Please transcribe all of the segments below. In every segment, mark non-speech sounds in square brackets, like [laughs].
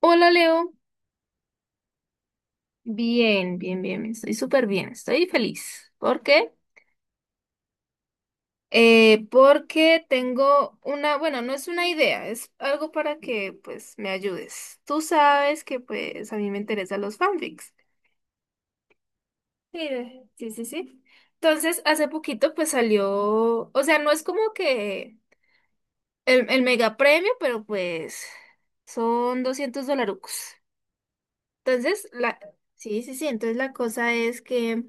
Hola Leo, bien, bien, bien, estoy súper bien, estoy feliz. ¿Por qué? Porque tengo una, bueno, no es una idea, es algo para que pues me ayudes. Tú sabes que pues a mí me interesan los fanfics. Sí, sí, sí, sí. Entonces, hace poquito pues salió, o sea, no es como que el mega premio, pero pues son 200 dolarucos. Entonces, la, sí, sí, sí, entonces la cosa es que...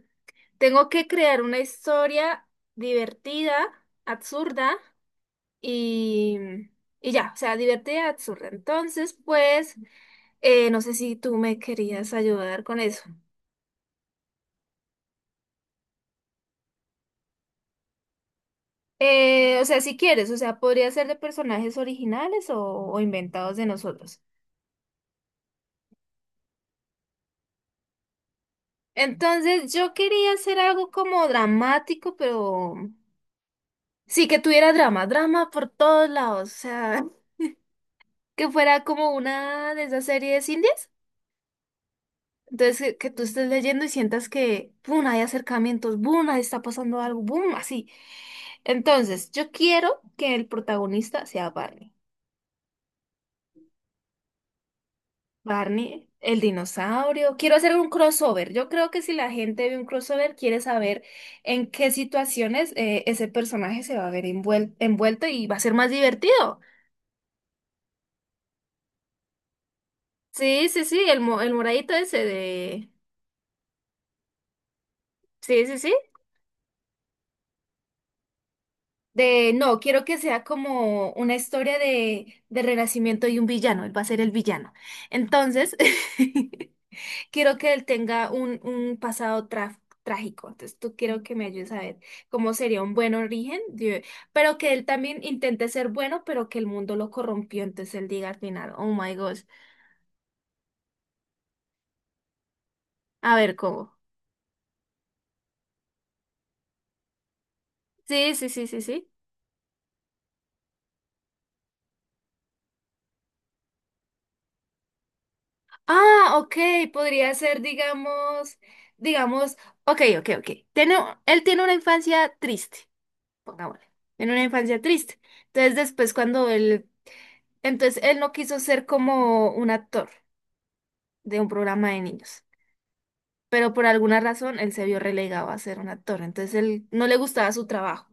Tengo que crear una historia divertida, absurda y, y ya, o sea, divertida, absurda. Entonces, pues, no sé si tú me querías ayudar con eso. O sea, si quieres, o sea, podría ser de personajes originales o inventados de nosotros. Entonces, yo quería hacer algo como dramático, pero sí que tuviera drama, drama por todos lados, o sea, [laughs] que fuera como una de esas series indies. Entonces, que tú estés leyendo y sientas que, ¡pum!, hay acercamientos, boom ahí está pasando algo, boom así. Entonces, yo quiero que el protagonista sea Barney. Barney, el dinosaurio. Quiero hacer un crossover. Yo creo que si la gente ve un crossover, quiere saber en qué situaciones ese personaje se va a ver envuelto y va a ser más divertido. Sí, sí, sí, el, el moradito ese de... Sí, sí, sí. De, no, quiero que sea como una historia de renacimiento y un villano, él va a ser el villano. Entonces, [laughs] quiero que él tenga un pasado trágico. Entonces, tú quiero que me ayudes a ver cómo sería un buen origen, de- pero que él también intente ser bueno, pero que el mundo lo corrompió. Entonces, él diga al final, oh my gosh, a ver cómo. Sí, sí, sí, sí, sí. Ah, ok, podría ser, digamos, digamos, ok, ok, ok. Tiene, él tiene una infancia triste. Pongámosle, en una infancia triste. Entonces después cuando él, entonces él no quiso ser como un actor de un programa de niños, pero por alguna razón él se vio relegado a ser un actor, entonces él no le gustaba su trabajo.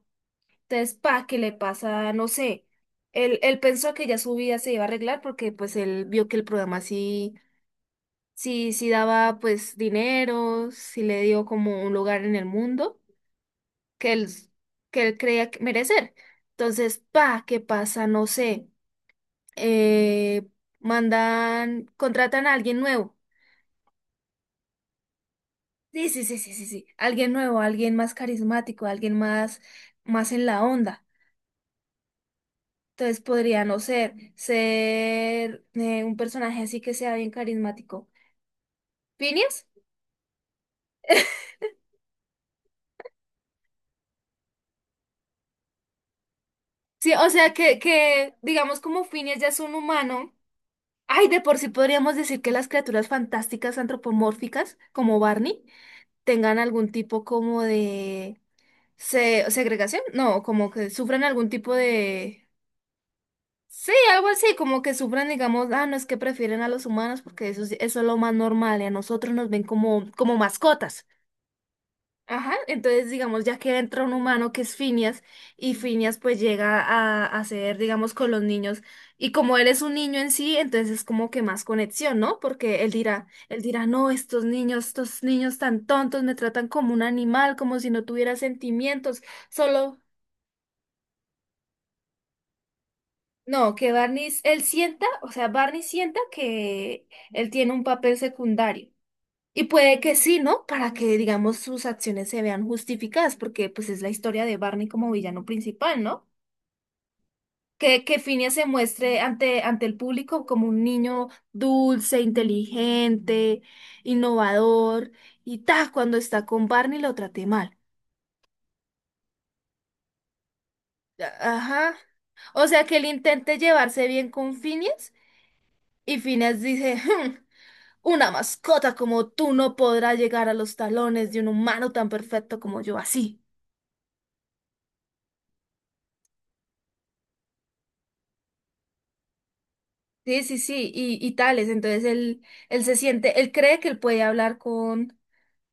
Entonces, pa, ¿qué le pasa? No sé. Él pensó que ya su vida se iba a arreglar porque pues él vio que el programa sí, sí, sí daba pues dinero, sí le dio como un lugar en el mundo que él, que él creía que merecer. Entonces, pa, ¿qué pasa? No sé. eh, Mandan, contratan a alguien nuevo. Sí, sí, sí, sí, sí, sí. Alguien nuevo, alguien más carismático, alguien más, más en la onda. Entonces podría no ser, ser un personaje así que sea bien carismático. ¿Phineas? Sí, o sea que digamos como Phineas ya es un humano. Ay, de por sí podríamos decir que las criaturas fantásticas antropomórficas, como Barney, tengan algún tipo como de se segregación, no, como que sufren algún tipo de. Sí, algo así, como que sufren, digamos, ah, no es que prefieren a los humanos porque eso, eso es lo más normal y a nosotros nos ven como, como mascotas. Ajá, entonces, digamos, ya que entra un humano que es Phineas y Phineas pues llega a ser, digamos, con los niños y como él es un niño en sí, entonces es como que más conexión, ¿no? Porque él dirá, no, estos niños tan tontos me tratan como un animal, como si no tuviera sentimientos, solo... No, que Barney, él sienta, o sea, Barney sienta que él tiene un papel secundario. Y puede que sí, ¿no? Para que, digamos, sus acciones se vean justificadas, porque pues es la historia de Barney como villano principal, ¿no? Que Phineas se muestre ante el público como un niño dulce, inteligente, innovador, y ta, cuando está con Barney lo trate mal. Ajá. O sea, que él intente llevarse bien con Phineas, y Phineas dice, "Hmm, una mascota como tú no podrá llegar a los talones de un humano tan perfecto como yo", así. Sí, sí, sí, y tales. Entonces él se siente, él cree que él puede hablar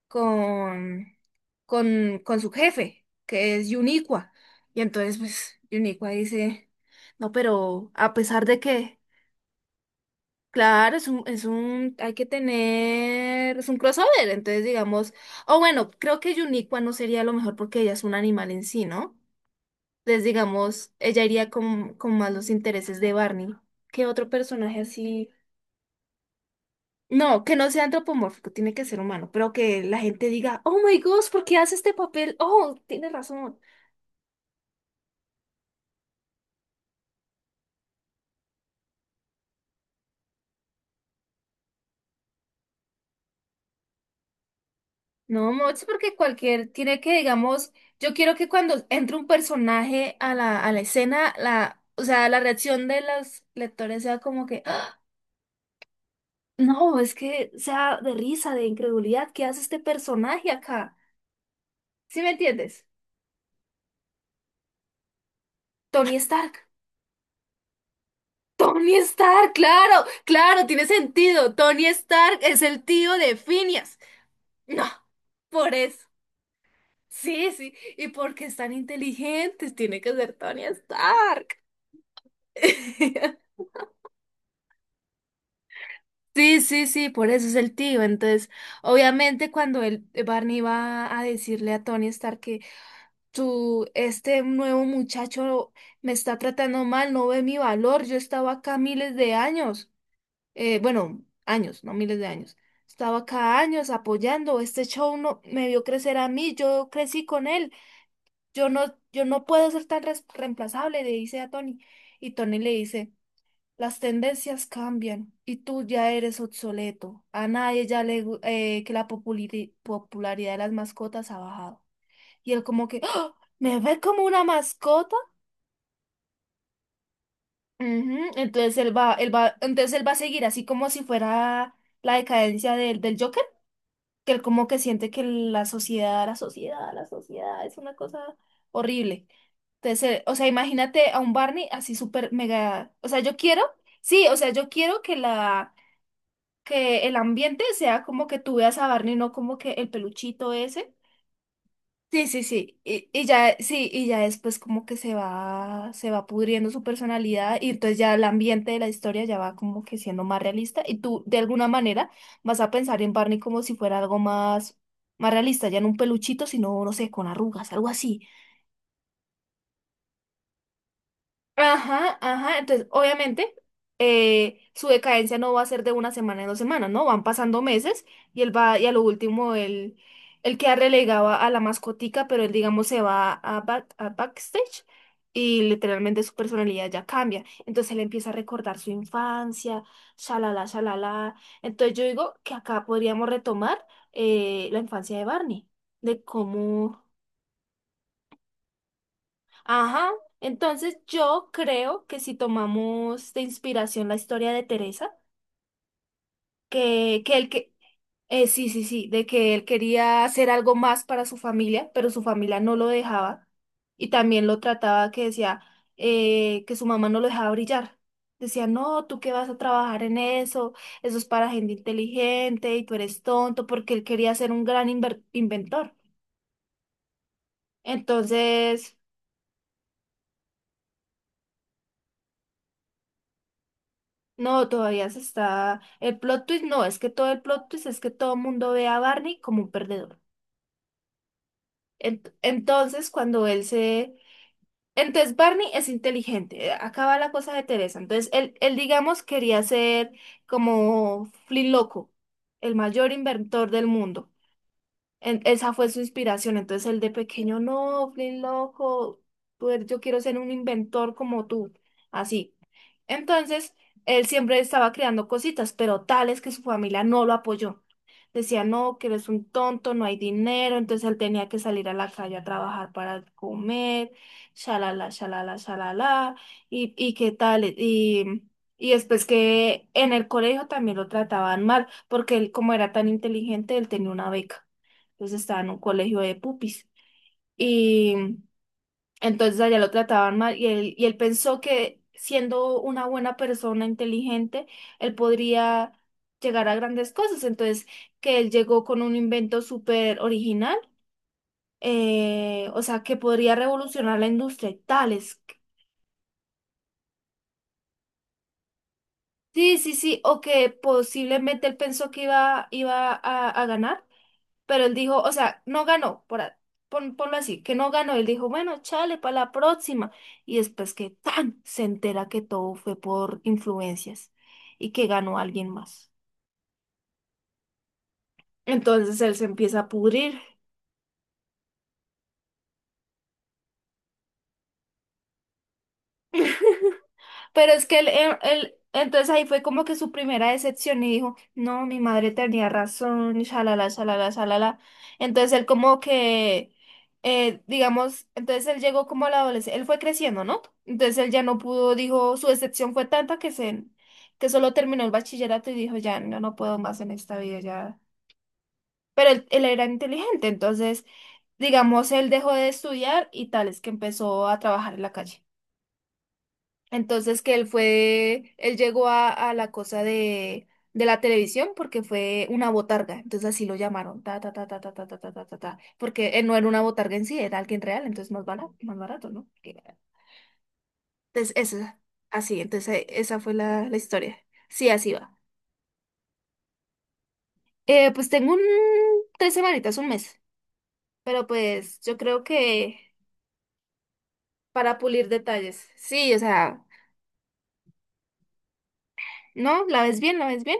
con, con su jefe, que es Yuniqua. Y entonces, pues, Yuniqua dice, no, pero a pesar de que, claro, es un, hay que tener, es un crossover. Entonces, digamos, o bueno, creo que Yuniqua no sería lo mejor porque ella es un animal en sí, ¿no? Entonces, digamos, ella iría con más los intereses de Barney. ¿Qué otro personaje así? No, que no sea antropomórfico, tiene que ser humano, pero que la gente diga, oh my gosh, ¿por qué hace este papel? Oh, tiene razón. No, Moch, porque cualquier, tiene que, digamos, yo quiero que cuando entre un personaje a la escena, la, o sea, la reacción de los lectores sea como que, "Ah, no", es que sea de risa, de incredulidad, ¿qué hace este personaje acá? ¿Sí me entiendes? Tony Stark. Tony Stark, claro, claro, tiene sentido. Tony Stark es el tío de Phineas. No, por eso. Sí, sí, y porque es tan inteligentes, tiene que ser Tony Stark. [laughs] Sí, sí, sí, por eso es el tío. Entonces, obviamente, cuando el Barney va a decirle a Tony Stark que tú, este nuevo muchacho me está tratando mal, no ve mi valor, yo estaba acá miles de años. Bueno, años, no miles de años. Estaba cada años apoyando, este show no, me vio crecer a mí, yo crecí con él, yo no, yo no puedo ser tan reemplazable, le dice a Tony. Y Tony le dice, las tendencias cambian y tú ya eres obsoleto. A nadie ya que la popularidad de las mascotas ha bajado. Y él como que, "¡Ah! ¿me ve como una mascota?". Ujú, entonces él va, entonces él va a seguir así como si fuera la decadencia del, del Joker. Que él como que siente que la sociedad, la sociedad, la sociedad es una cosa horrible. Entonces, o sea, imagínate a un Barney así súper mega, o sea, yo quiero, sí, o sea, yo quiero que la, que el ambiente sea como que tú veas a Barney, no como que el peluchito ese. Sí, sí, sí. Y ya, sí, y ya después como que se va pudriendo su personalidad y entonces ya el ambiente de la historia ya va como que siendo más realista y tú de alguna manera vas a pensar en Barney como si fuera algo más, más realista, ya no un peluchito, sino, no sé, con arrugas, algo así. Ajá, ajá. Entonces, obviamente, su decadencia no va a ser de una semana en 2 semanas, ¿no? Van pasando meses y él va, y a lo último, él queda relegado a la mascotica, pero él, digamos, se va a, a backstage y literalmente su personalidad ya cambia. Entonces, él empieza a recordar su infancia, shalala, shalala. Entonces, yo digo que acá podríamos retomar la infancia de Barney, de cómo. Ajá, entonces yo creo que si tomamos de inspiración la historia de Teresa, que él que, sí, sí, sí, de que él quería hacer algo más para su familia, pero su familia no lo dejaba y también lo trataba que decía que su mamá no lo dejaba brillar. Decía, no, tú qué vas a trabajar en eso, eso es para gente inteligente y tú eres tonto, porque él quería ser un gran inventor. Entonces... No, todavía se está. El plot twist no, es que todo el plot twist es que todo el mundo ve a Barney como un perdedor. Entonces, cuando él se. Entonces, Barney es inteligente. Acá va la cosa de Teresa. Entonces, él digamos, quería ser como Flynn Loco, el mayor inventor del mundo. Esa fue su inspiración. Entonces él de pequeño, no, Flynn, loco, tú eres- yo quiero ser un inventor como tú. Así. Entonces, él siempre estaba creando cositas, pero tales que su familia no lo apoyó. Decía, no, que eres un tonto, no hay dinero. Entonces él tenía que salir a la calle a trabajar para comer, shalala, shalala, shalala, y qué tal. Y después que en el colegio también lo trataban mal, porque él, como era tan inteligente, él tenía una beca. Entonces estaba en un colegio de pupis. Y entonces allá lo trataban mal y él pensó que siendo una buena persona inteligente, él podría llegar a grandes cosas. Entonces, que él llegó con un invento súper original, o sea, que podría revolucionar la industria y tales. Sí, sí, sí, o que posiblemente él pensó que iba, iba a ganar. Pero él dijo, o sea, no ganó, por, a- ponlo así, que no ganó. Él dijo, bueno, chale, para la próxima. Y después que tan se entera que todo fue por influencias y que ganó alguien más. Entonces él se empieza a pudrir. Pero es que él, entonces ahí fue como que su primera decepción y dijo, no, mi madre tenía razón, y shalala, shalala, shalala. Entonces él como que, digamos, entonces él llegó como a la adolescencia, él fue creciendo, ¿no? Entonces él ya no pudo, dijo, su decepción fue tanta que se, que solo terminó el bachillerato y dijo, ya, no, no puedo más en esta vida, ya. Pero él era inteligente, entonces, digamos, él dejó de estudiar y tal, es que empezó a trabajar en la calle. Entonces que él fue, él llegó a la cosa de la televisión porque fue una botarga, entonces así lo llamaron, ta, ta, ta, ta, ta, ta, ta, ta, ta, ta, ta, porque él no era una botarga en sí, era alguien real, entonces más barato, ¿no? Que- Entonces, eso, así, entonces esa fue la, la historia. Sí, así va. Pues tengo un, 3 semanitas, un mes, pero pues yo creo que para pulir detalles, sí, o sea, ¿no? ¿La ves bien? ¿La ves bien?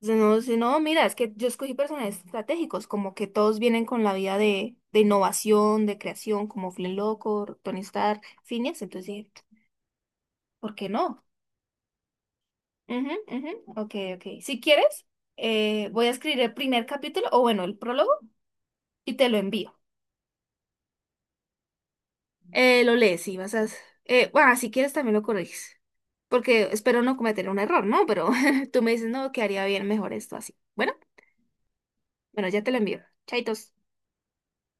Si no, si no, mira, es que yo escogí personajes estratégicos, como que todos vienen con la vida de innovación, de creación, como Flynn Loco, Tony Stark, Phineas, entonces dije, ¿por qué no? Ujú, ujú, ok, ok. Si quieres, voy a escribir el primer capítulo, o bueno, el prólogo, y te lo envío. Lo lees y vas a... bueno, si quieres también lo corriges, porque espero no cometer un error, ¿no? Pero [laughs] tú me dices, no, quedaría bien mejor esto así. Bueno, bueno, ya te lo envío. Chaitos.